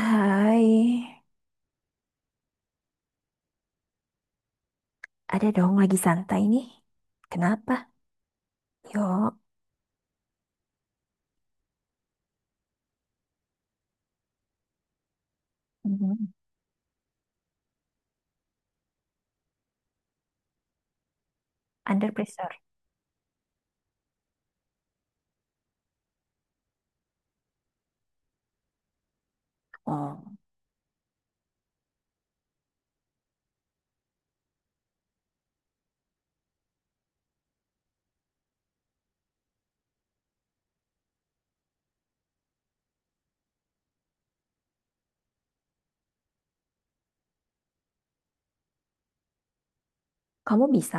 Hai, ada dong, lagi santai nih. Kenapa? Yuk. Mhm. Under pressure. Oh, kamu bisa.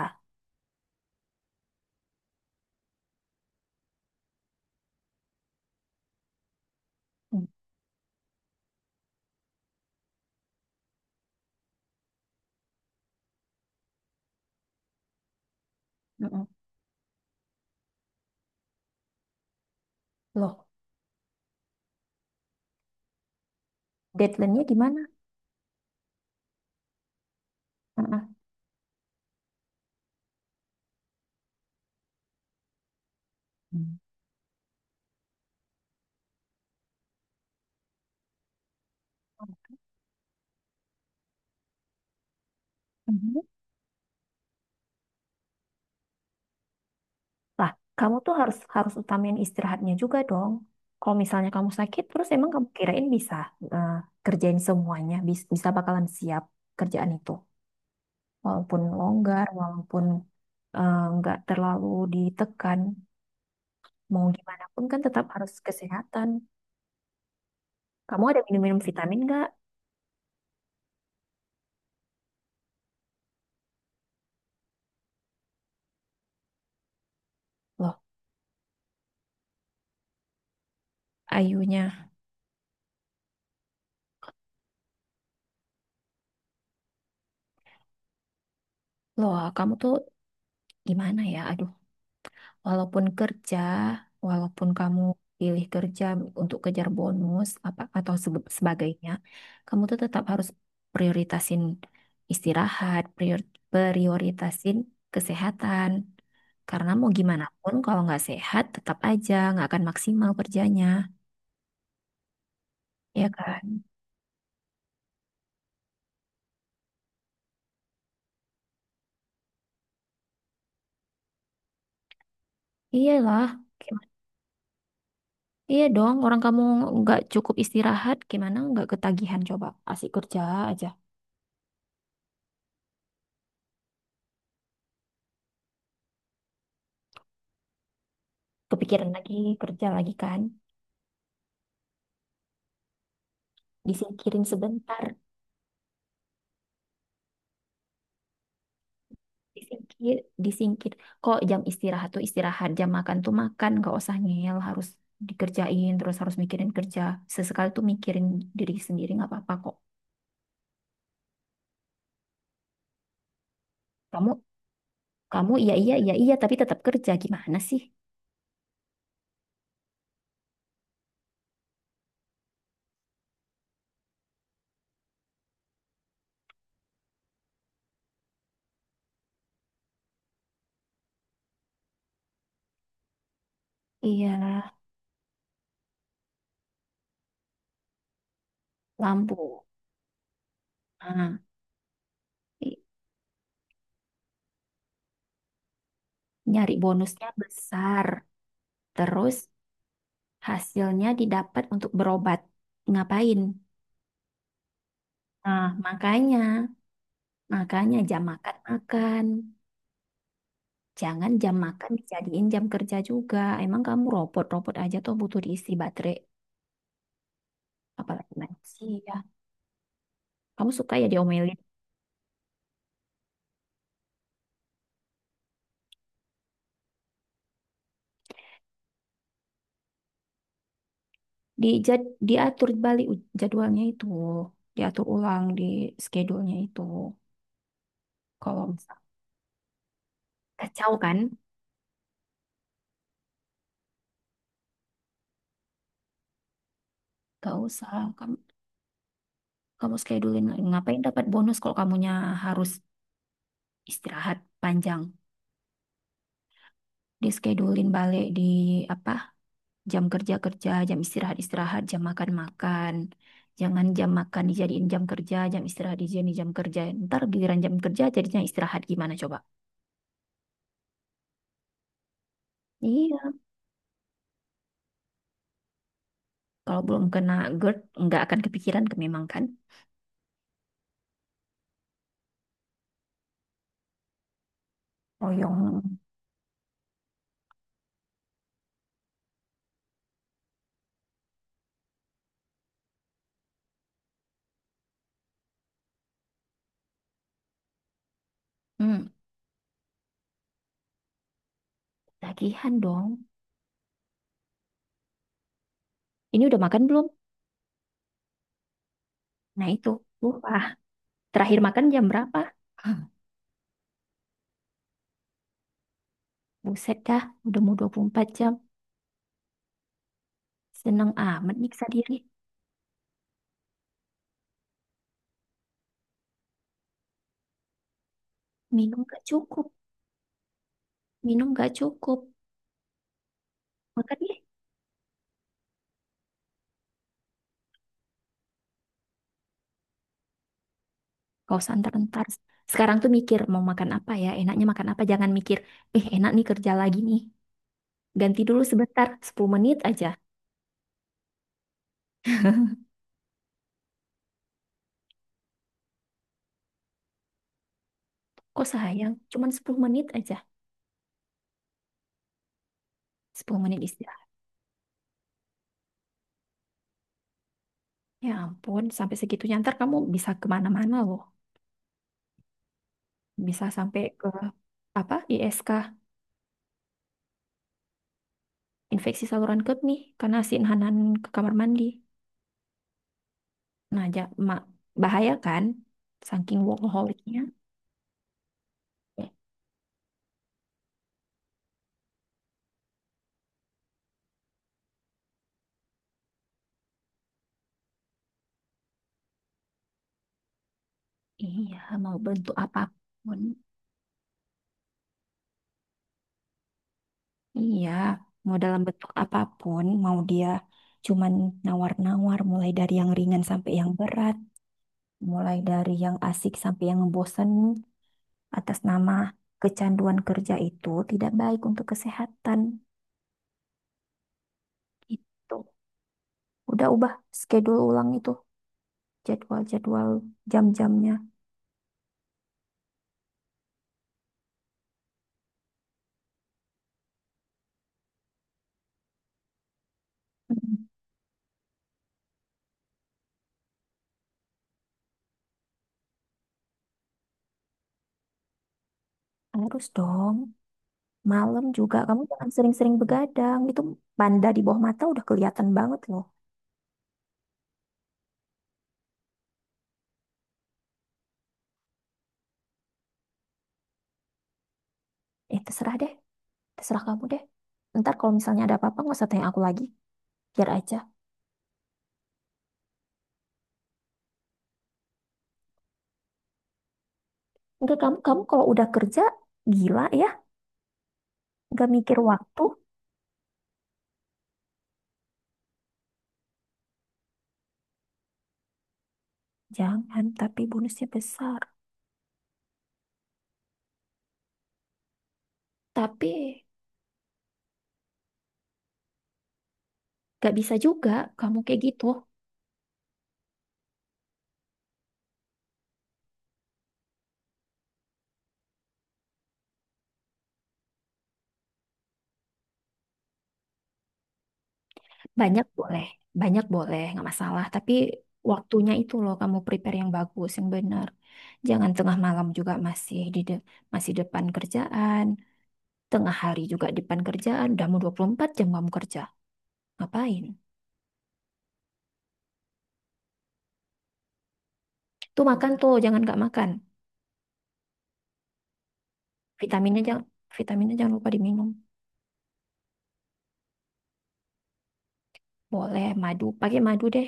Hmm. Mm-mm. Loh, deadline-nya di mana? Mm-mm. Mhm. Mhm. Lah, kamu tuh harus harus utamain istirahatnya juga dong. Kalau misalnya kamu sakit, terus emang kamu kirain bisa eh, kerjain semuanya, bisa bakalan siap kerjaan itu. Walaupun longgar, walaupun nggak terlalu ditekan, mau gimana pun kan tetap harus kesehatan. Kamu ada minum-minum vitamin nggak? Loh, ayunya. Loh, kamu tuh gimana ya? Aduh, walaupun kerja, walaupun kamu pilih kerja untuk kejar bonus apa atau sebagainya, kamu tuh tetap harus prioritasin istirahat, prioritasin kesehatan. Karena mau gimana pun kalau nggak sehat, tetap aja nggak akan maksimal kerjanya, ya kan? Iyalah. Iya dong, orang kamu nggak cukup istirahat, gimana nggak ketagihan coba? Asik kerja aja. Kepikiran lagi, kerja lagi kan? Disingkirin sebentar. Disingkir, disingkir. Kok jam istirahat tuh istirahat, jam makan tuh makan, nggak usah ngeyel, harus dikerjain, terus harus mikirin kerja. Sesekali tuh mikirin diri sendiri nggak apa-apa kok. Kamu, kamu, iya iya iya iya, tapi tetap kerja gimana sih? Iya, lampu. Ah, i- nyari bonusnya besar. Terus hasilnya didapat untuk berobat. Ngapain? Nah, makanya, makanya jam makan makan. Jangan jam makan dijadiin jam kerja juga. Emang kamu robot-robot aja tuh butuh diisi baterai. Apalagi manusia. Kamu suka ya diomelin. Dijad, diatur balik jadwalnya itu. Diatur ulang di schedule-nya itu. Kalau misal kacau kan? Gak usah. Kamu, kamu schedulein. Ngapain dapat bonus kalau kamunya harus istirahat panjang. Dischedulin balik di apa jam kerja kerja, jam istirahat istirahat, jam makan makan. Jangan jam makan dijadiin jam kerja, jam istirahat dijadiin jam kerja, ntar giliran jam kerja jadinya istirahat gimana coba. Iya, kalau belum kena GERD nggak akan kepikiran ke memang kan. Oyong. Hmm, tagihan dong. Ini udah makan belum? Nah itu, lupa terakhir makan jam berapa. Buset dah, udah mau 24 jam. Seneng amat nyiksa diri. Minum gak cukup, minum gak cukup. Makan ya. Gak usah entar-entar. Sekarang tuh mikir mau makan apa ya, enaknya makan apa. Jangan mikir, eh enak nih kerja lagi nih. Ganti dulu sebentar, 10 menit aja. Kok sayang, cuman 10 menit aja. Sepuluh menit istirahat. Ya ampun, sampai segitunya ntar kamu bisa kemana-mana loh. Bisa sampai ke apa ISK, infeksi saluran kemih, karena si Hanan ke kamar mandi. Nah, ja, ma- bahaya kan, saking workaholicnya. Ya, iya, mau bentuk apapun. Iya, mau dalam bentuk apapun, mau dia cuman nawar-nawar, mulai dari yang ringan sampai yang berat, mulai dari yang asik sampai yang ngebosenin, atas nama kecanduan kerja itu tidak baik untuk kesehatan. Itu udah ubah schedule ulang itu, jadwal-jadwal jam-jamnya. Mm. Harus dong, malam juga kamu jangan sering-sering begadang, itu banda di bawah mata udah kelihatan banget loh. Eh, terserah deh. Terserah kamu deh. Ntar kalau misalnya ada apa-apa nggak usah tanya aku lagi. Biar aja. Enggak, kamu kamu kalau udah kerja gila ya. Nggak mikir waktu. Jangan, tapi bonusnya besar. Tapi nggak bisa juga kamu kayak gitu. Banyak boleh, banyak boleh nggak masalah. Tapi waktunya itu loh kamu prepare yang bagus, yang benar. Jangan tengah malam juga masih depan kerjaan. Tengah hari juga depan kerjaan. Udah mau 24 jam kamu kerja. Ngapain? Tuh makan tuh, jangan nggak makan. Vitaminnya jangan vitaminnya jangan lupa diminum. Boleh madu, pakai madu deh.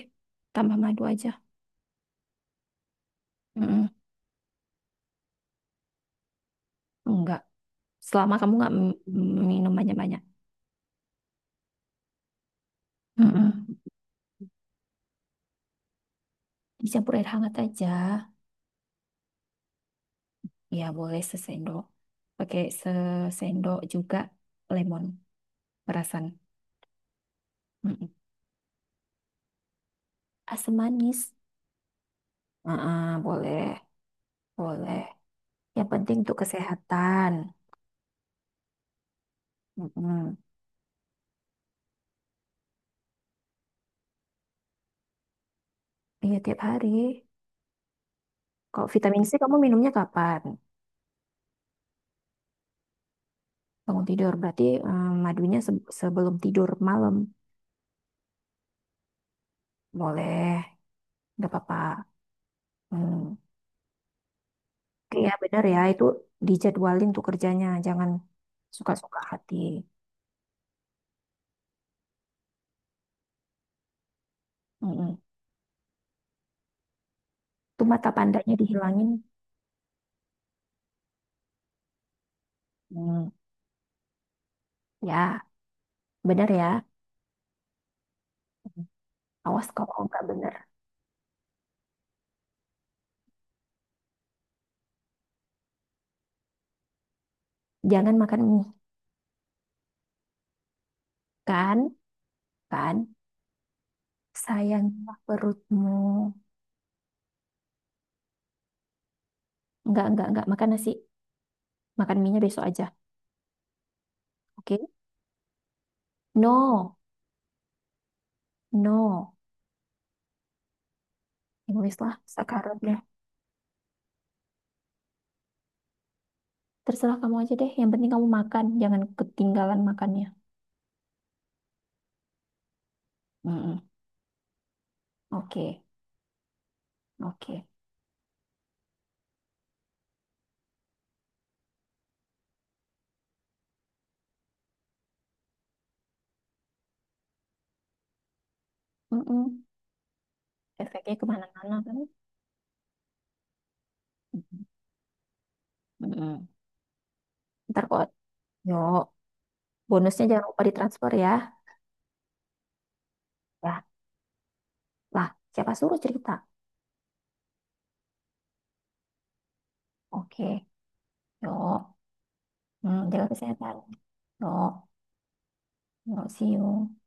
Tambah madu aja. Mm-mm. Enggak. Selama kamu nggak minum banyak-banyak. Mm-mm. Dicampur air hangat aja. Ya boleh sesendok. Pakai sesendok juga lemon perasan. Mm-mm. Asam manis. Ah, boleh, boleh. Yang penting untuk kesehatan. Mm-mm. Iya tiap hari. Kalau vitamin C kamu minumnya kapan? Bangun tidur berarti madunya sebelum tidur malam. Boleh, nggak apa-apa. Hmm. Oke ya benar ya, itu dijadwalin tuh kerjanya, jangan suka-suka hati. Mm-mm. Tuh mata pandanya dihilangin. Hmm. Ya, benar ya. Awas kalau nggak benar. Jangan makan mie, kan? Kan? Sayanglah perutmu. Nggak, nggak. Makan nasi. Makan mie-nya besok aja. Oke? No, no. Egois lah sekarang. Terserah kamu aja deh. Yang penting kamu makan, jangan ketinggalan makannya. Mm-mm. Oke, oke. Mm-mm. Efeknya kemana-mana kan? Mm-mm. Ntar kok, yo, bonusnya jangan lupa ditransfer ya. Ya, lah, siapa suruh cerita? Oke, yo. Hmm, jaga kesehatan. Yo, yo, see you.